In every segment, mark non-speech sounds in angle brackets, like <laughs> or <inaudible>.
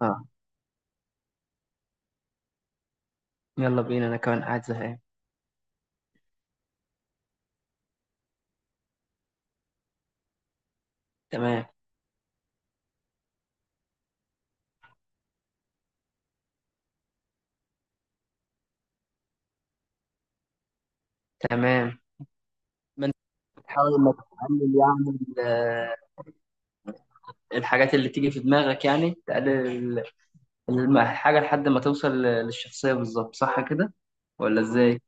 اه، يلا بينا. انا كمان قاعد زهقان. تمام. تمام، ما انت بتحاول انك تقلل يعني الحاجات اللي تيجي في دماغك يعني تقلل ال- الحاجة لحد ما توصل للشخصية بالظبط، صح كده ولا ازاي؟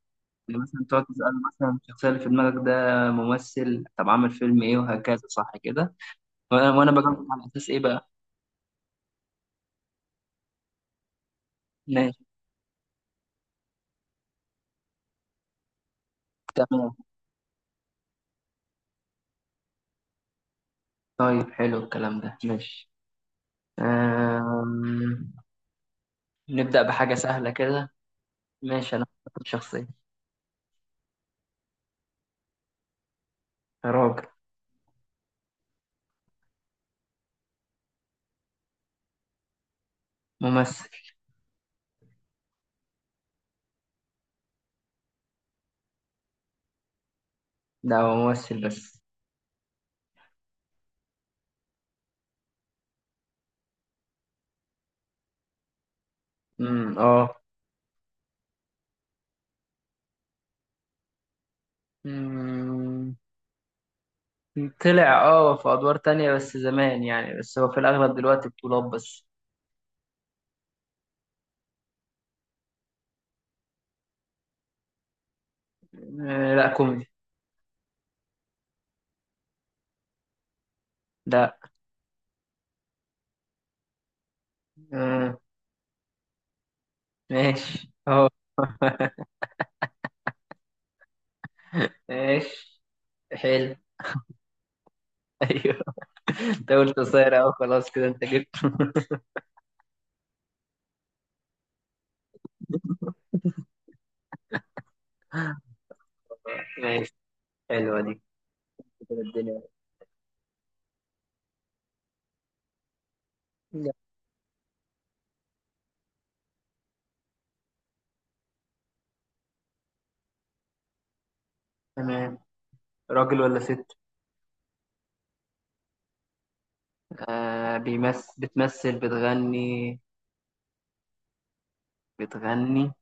يعني مثلا تقعد تسأل مثلا الشخصية اللي في دماغك ده ممثل، طب عامل فيلم ايه وهكذا، صح كده؟ وأنا بجاوب على اساس ايه بقى؟ ماشي. تمام. طيب حلو الكلام ده، ماشي. آم... نبدأ بحاجة سهلة كده. ماشي، انا اخترت شخصية. راجل. ممثل. لا، هو ممثل بس. اه. مم. طلع اه في ادوار تانية بس زمان، يعني بس هو في الاغلب دلوقتي بطولات بس. آه لا، كوميدي. لا. آه. ماشي اه. ماشي. حلو <laughs> ايوه. انت قلت قصير اهو، خلاص كده انت جبت. ماشي. حلوه دي. كده الدنيا. لا. تمام. راجل ولا ست؟ آه، بيمثل، بتمثل، بتغني؟ بتغني.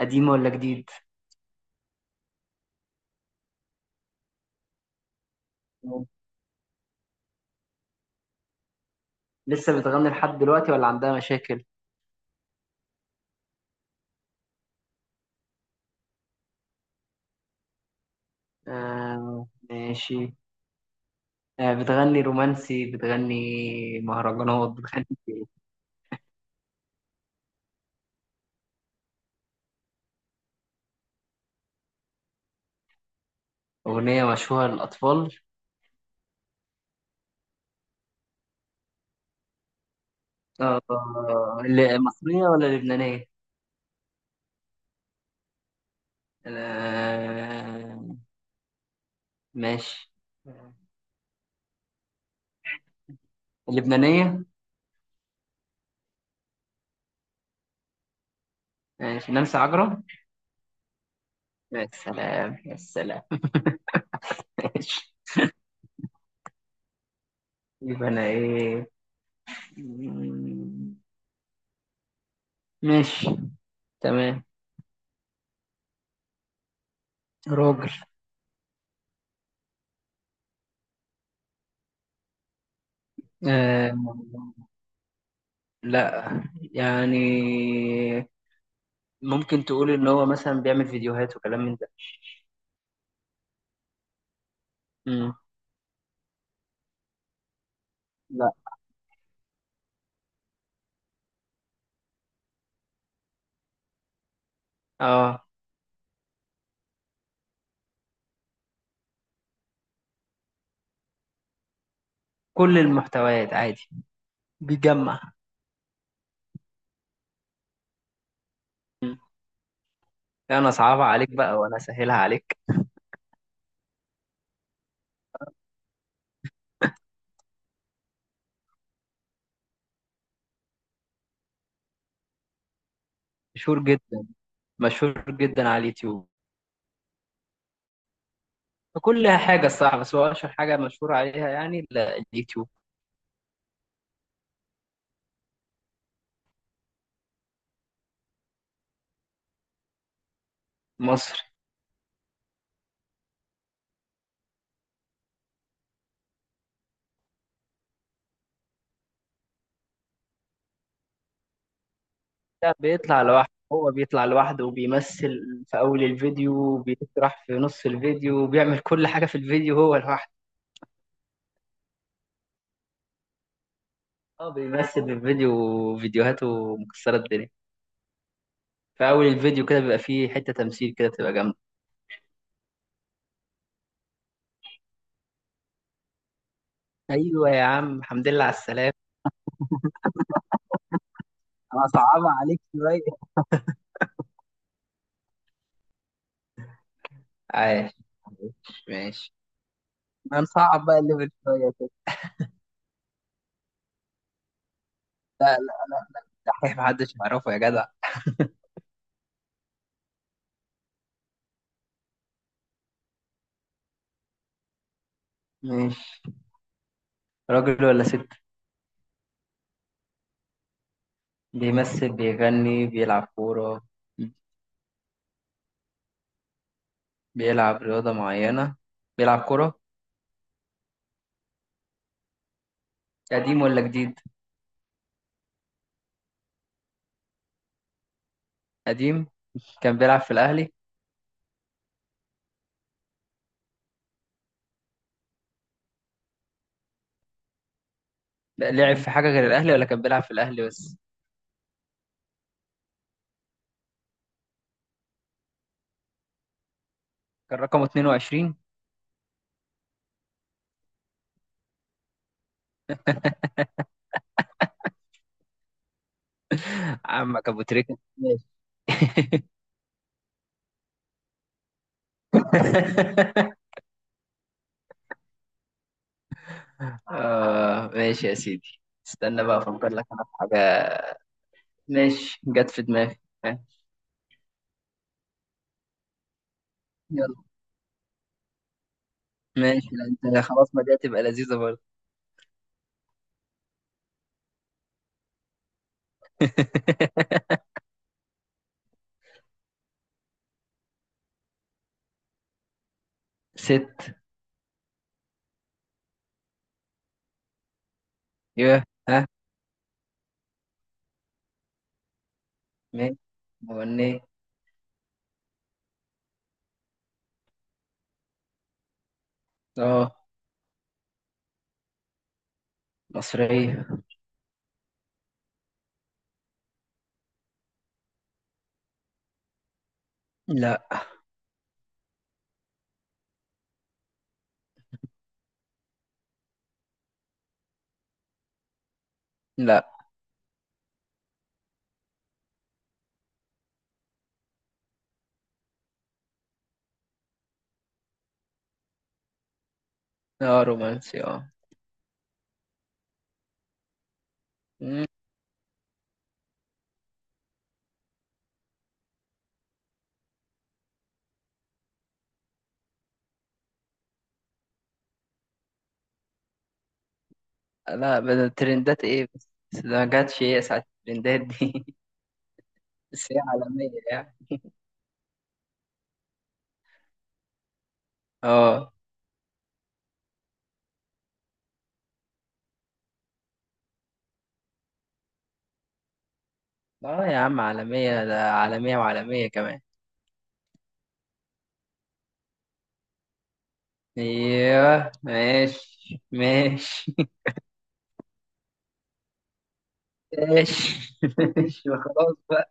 قديم ولا جديد؟ لسه بتغني لحد دلوقتي ولا عندها مشاكل؟ آه ماشي. آه، بتغني رومانسي، بتغني مهرجانات، بتغني. أغنية مشهورة للأطفال. آه، مصرية ولا لبنانية؟ آه ماشي. اللبنانية. ماشي، نانسي عجرم. يا سلام يا سلام. <laughs> ماشي. يبقى أنا إيه؟ مم، ماشي. تمام. راجل. آه لا، يعني ممكن تقول ان هو مثلا بيعمل فيديوهات وكلام من ده. امم لا. اه، كل المحتويات عادي. بيجمع. مم. لا، انا صعبة عليك بقى وانا سهلها عليك. مشهور جدا، مشهور جدا على اليوتيوب. كل حاجة الصراحة، بس هو اشهر حاجة مشهور عليها يعني اليوتيوب. مصر. ده بيطلع لوحده، هو بيطلع لوحده وبيمثل في اول الفيديو، وبيشرح في نص الفيديو وبيعمل كل حاجة في الفيديو هو لوحده. اه بيمثل في الفيديو، فيديوهاته مكسرة الدنيا. في اول الفيديو كده بيبقى فيه حته تمثيل كده بتبقى جامده. ايوه يا عم، الحمد لله على السلامه. انا صعبها عليك شويه. عايش. عايش ماشي. ما نصعب بقى الليفل شويه كده. لا لا لا لا، الدحيح محدش يعرفه يا جدع. ماشي. راجل ولا ست؟ بيمثل، بيغني، بيلعب كورة؟ بيلعب رياضة معينة. بيلعب كورة. قديم ولا جديد؟ قديم. كان بيلعب في الأهلي. لا، لعب في حاجة غير الأهلي ولا كان بيلعب في الأهلي بس؟ كان رقمه 22. عمك أبو تريكة، ماشي. <laughs> <laughs> آه ماشي يا سيدي. استنى بقى افكر لك انا في حاجه. ماشي، جت في دماغي. ها، يلا. ماشي. لا، انت خلاص، ما دي هتبقى لذيذه برضه. <laughs> ست. يا ها. ماشي. مغنية. اه. مصرية. لا لا. اه، رومانسي اه. مم. لا، بدل ترندات ايه، بس ده ما جاتش ايه ساعة الترندات دي. <laughs> بس هي عالمية يعني. اه اه يا عم، عالمية، ده عالمية وعالمية كمان. ايوه ماشي، ماشي. <laughs> ماشي ماشي، خلاص بقى.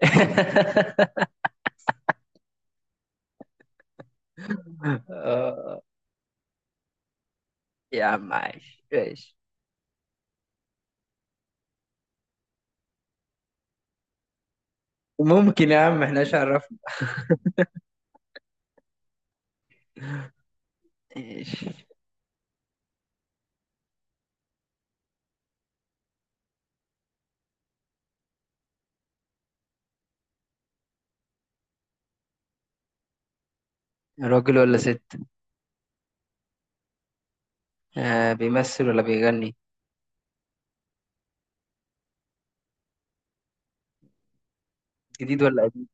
<laughs> آه، يا عم عايش ماشي. ممكن يا عم احنا عرفنا. ماشي. راجل ولا ست؟ آه، بيمثل ولا بيغني؟ جديد ولا قديم؟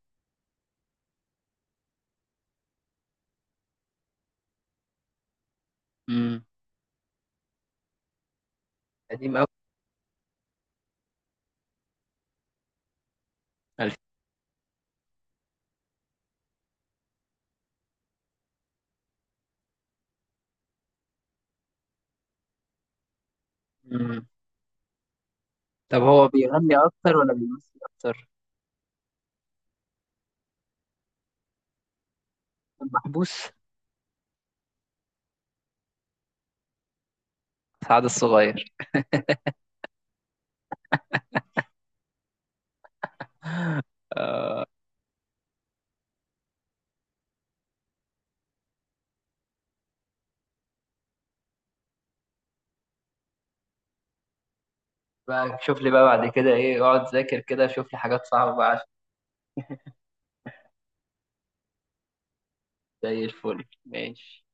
امم قديم أوي. ألف. امم طب هو بيغني اكتر ولا بيمثل اكتر؟ المحبوس. سعد الصغير. بقى شوف لي بقى بعد كده، ايه، اقعد ذاكر كده، شوف لي حاجات صعبة بقى عشان. زي الفل، ماشي.